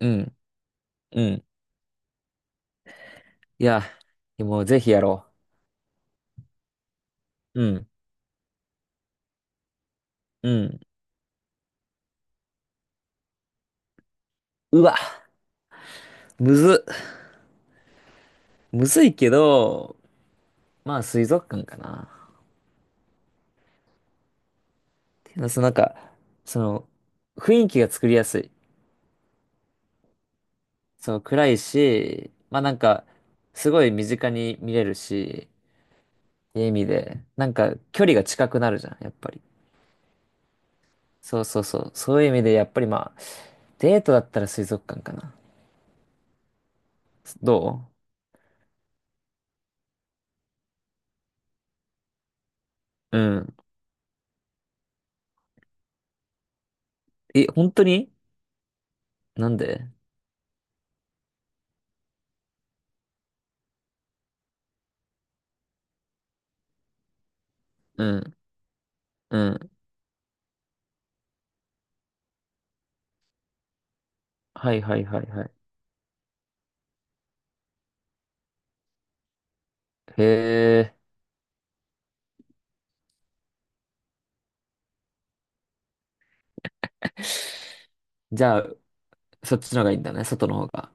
うん、うん。いや、もうぜひやろう。うん、うん。うわ、むずっ、むずいけど、まあ水族館かな。っていうのは、その、雰囲気が作りやすい。その暗いし、すごい身近に見れるし、っていう意味で、なんか距離が近くなるじゃん、やっぱり。そうそうそう。そういう意味で、やっぱりまあ、デートだったら水族館かな。どううん。え、本当になんで？うん、うん。はいはいはいはい。へえ、じゃあ、そっちの方がいいんだね、外の方が。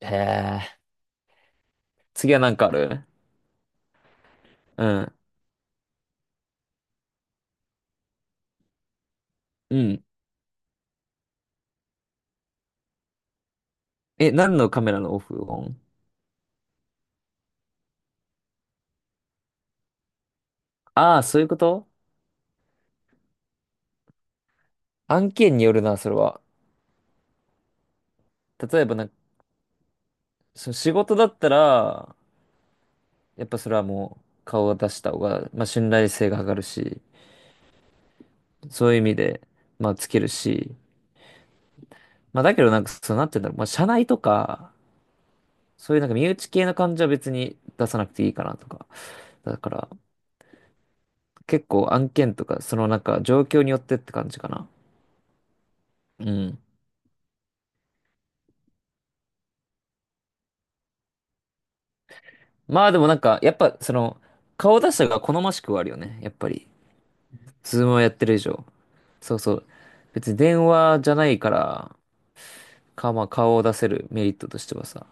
へえ、次は何かある？うん。うん。え、何のカメラのオフオン？ああ、そういうこと？案件によるな、それは。例えばなんか、その仕事だったら、やっぱそれはもう顔を出した方が、まあ信頼性が上がるし、そういう意味で、まあつけるし、まあだけどなんか、そうなって言うんだろう、まあ社内とか、そういうなんか身内系の感じは別に出さなくていいかなとか。だから、結構案件とか、そのなんか状況によってって感じかな。うん。まあでもなんか、やっぱその、顔出した方が好ましくはあるよね。やっぱり。ズームをやってる以上。そうそう。別に電話じゃないから、か、まあ顔を出せるメリットとしてはさ、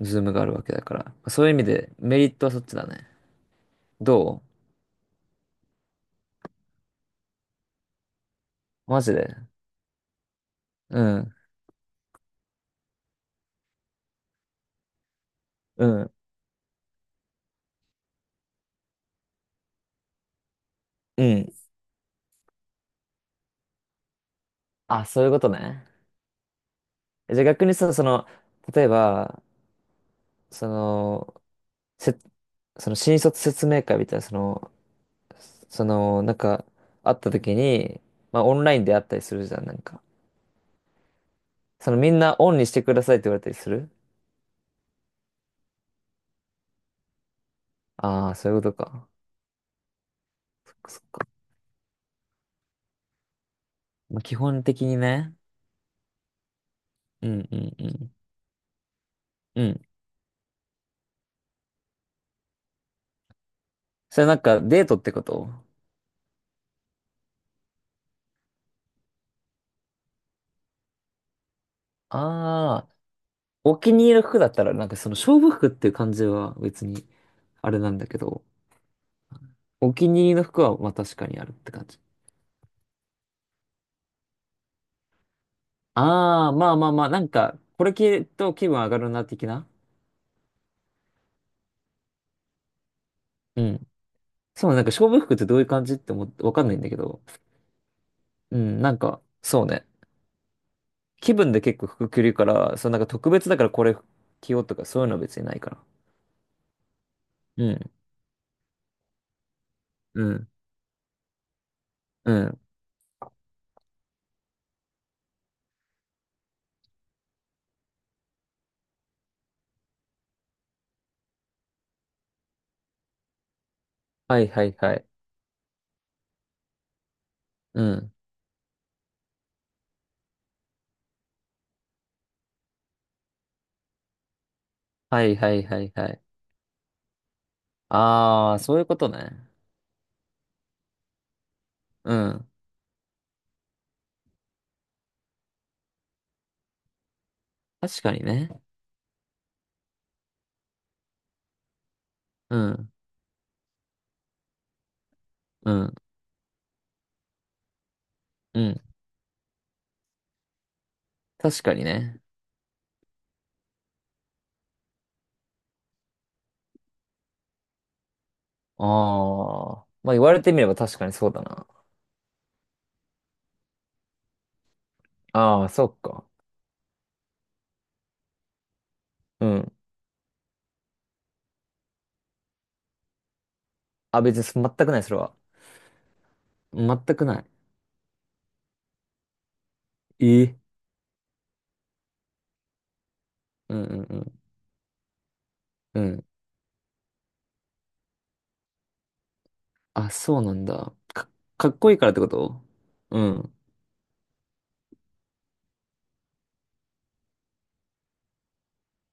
ズームがあるわけだから。そういう意味でメリットはそっちだね。どうマジで？うん。うん。うん。あ、そういうことね。えじゃあ逆にさ、その、例えば、その、せその新卒説明会みたいな、その、なんか、会った時に、まあ、オンラインで会ったりするじゃん、なんか。その、みんなオンにしてくださいって言われたりする？ああー、そういうことか。そっか。まあ、基本的にね。うんうんうん。うん。それなんか、デートってこと？ああー、お気に入りの服だったら、なんかその、勝負服っていう感じは別に、あれなんだけど、お気に入りの服は、まあ、確かにあるって感じ。ああ、まあまあまあ、なんか、これ着ると気分上がるな、的な。うん。そうね、なんか勝負服ってどういう感じって思って、わかんないんだけど。そうね。気分で結構服着るから、そう、なんか特別だからこれ着ようとかそういうのは別にないから。うん、うん、うん。はいはいはい。うん。はいはいはいはい。ああ、そういうことね。うん。確かにね。うん、うん、うん。確かにね。ああ。まあ言われてみれば確かにそうだな。ああ、そっか。うん。あ、別に全くない、それは。全くない。ええ。うんうんうん。うん。あ、そうなんだ。か、かっこいいからってこと？うん。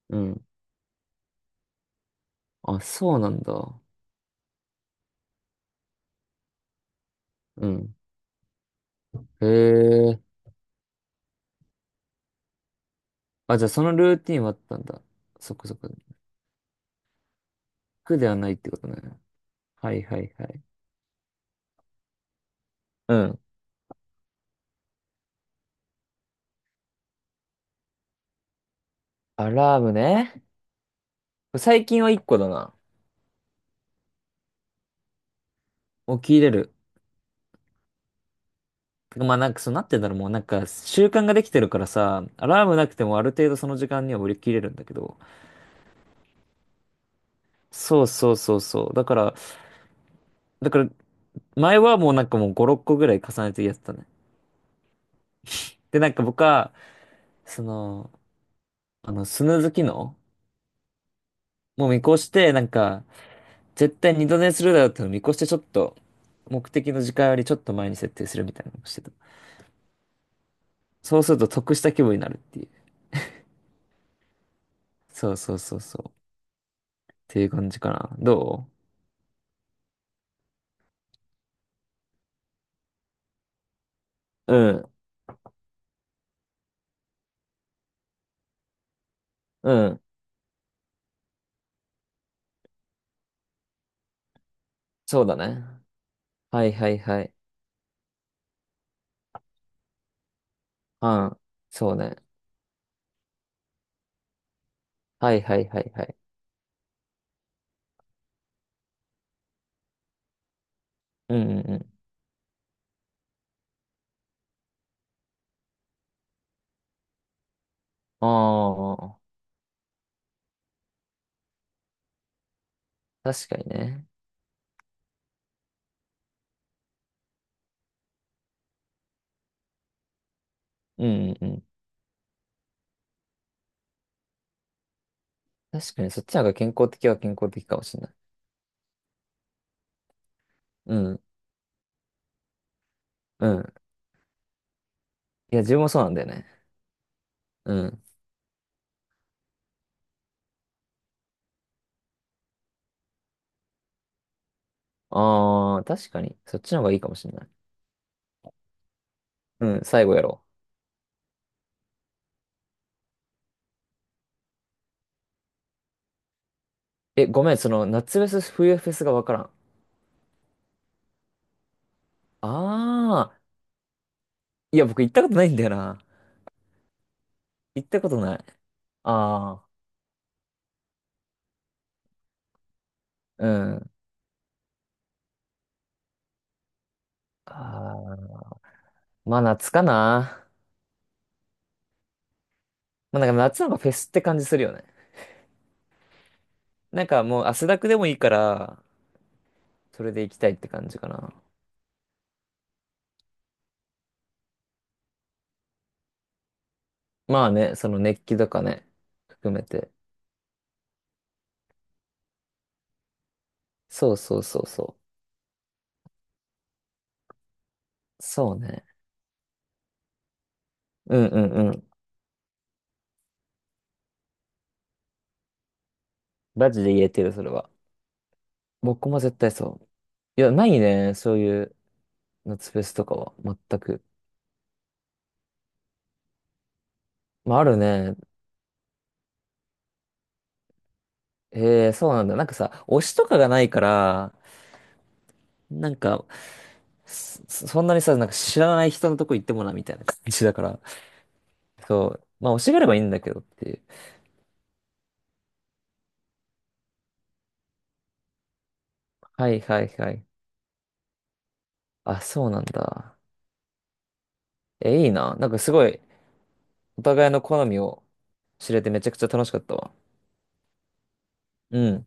うん。あ、そうなんだ。うん。へえ。あ、じゃあそのルーティンはあったんだ。そっかそっか。苦ではないってことね。はいはいはい。うん。アラームね。最近は一個だな。起きれる。てかまあなんかそうなってんだろう。もうなんか習慣ができてるからさ、アラームなくてもある程度その時間には起きれるんだけど。そうそうそうそう。だから前はもうなんかもう5、6個ぐらい重ねてやってたね。で、なんか僕は、その、スヌーズ機能もう見越して、なんか、絶対二度寝するだろうってのを見越して、ちょっと、目的の時間よりちょっと前に設定するみたいなのをしてた。そうすると得した気分になるっていう。そうそうそうそう。っていう感じかな。どううん、うん。そうだね。はいはいはい。うん。そうね。はいはいはいはい。うんうんうん。ああ、確かにね。うんうんうん。確かにそっちの方が健康的は健康的かもしれない。うん、うん。いや、自分もそうなんだよね。うん。ああ、確かに。そっちの方がいいかもしれない。うん、最後やろう。え、ごめん、その、夏フェス、冬フェスがわからん。ああ、いや、僕行ったことないんだよな。行ったことない。ああ、うん。ああ、まあ夏かな。まあなんか夏の方がフェスって感じするよね。なんかもう汗だくでもいいから、それで行きたいって感じかな。まあね、その熱気とかね、含めて。そうそうそうそう。そうね。うんうんうん。マジで言えてる、それは。僕も絶対そう。いや、ないね。そういう夏フェスとかは。全く。まあ、あるね。ええ、そうなんだ。なんかさ、推しとかがないから、なんか、そんなにさ、なんか知らない人のとこ行ってもな、みたいな感じだから。そう。まあ、推しがあればいいんだけどっていう。はいはいはい。あ、そうなんだ。え、いいな。なんかすごい、お互いの好みを知れてめちゃくちゃ楽しかったわ。うん。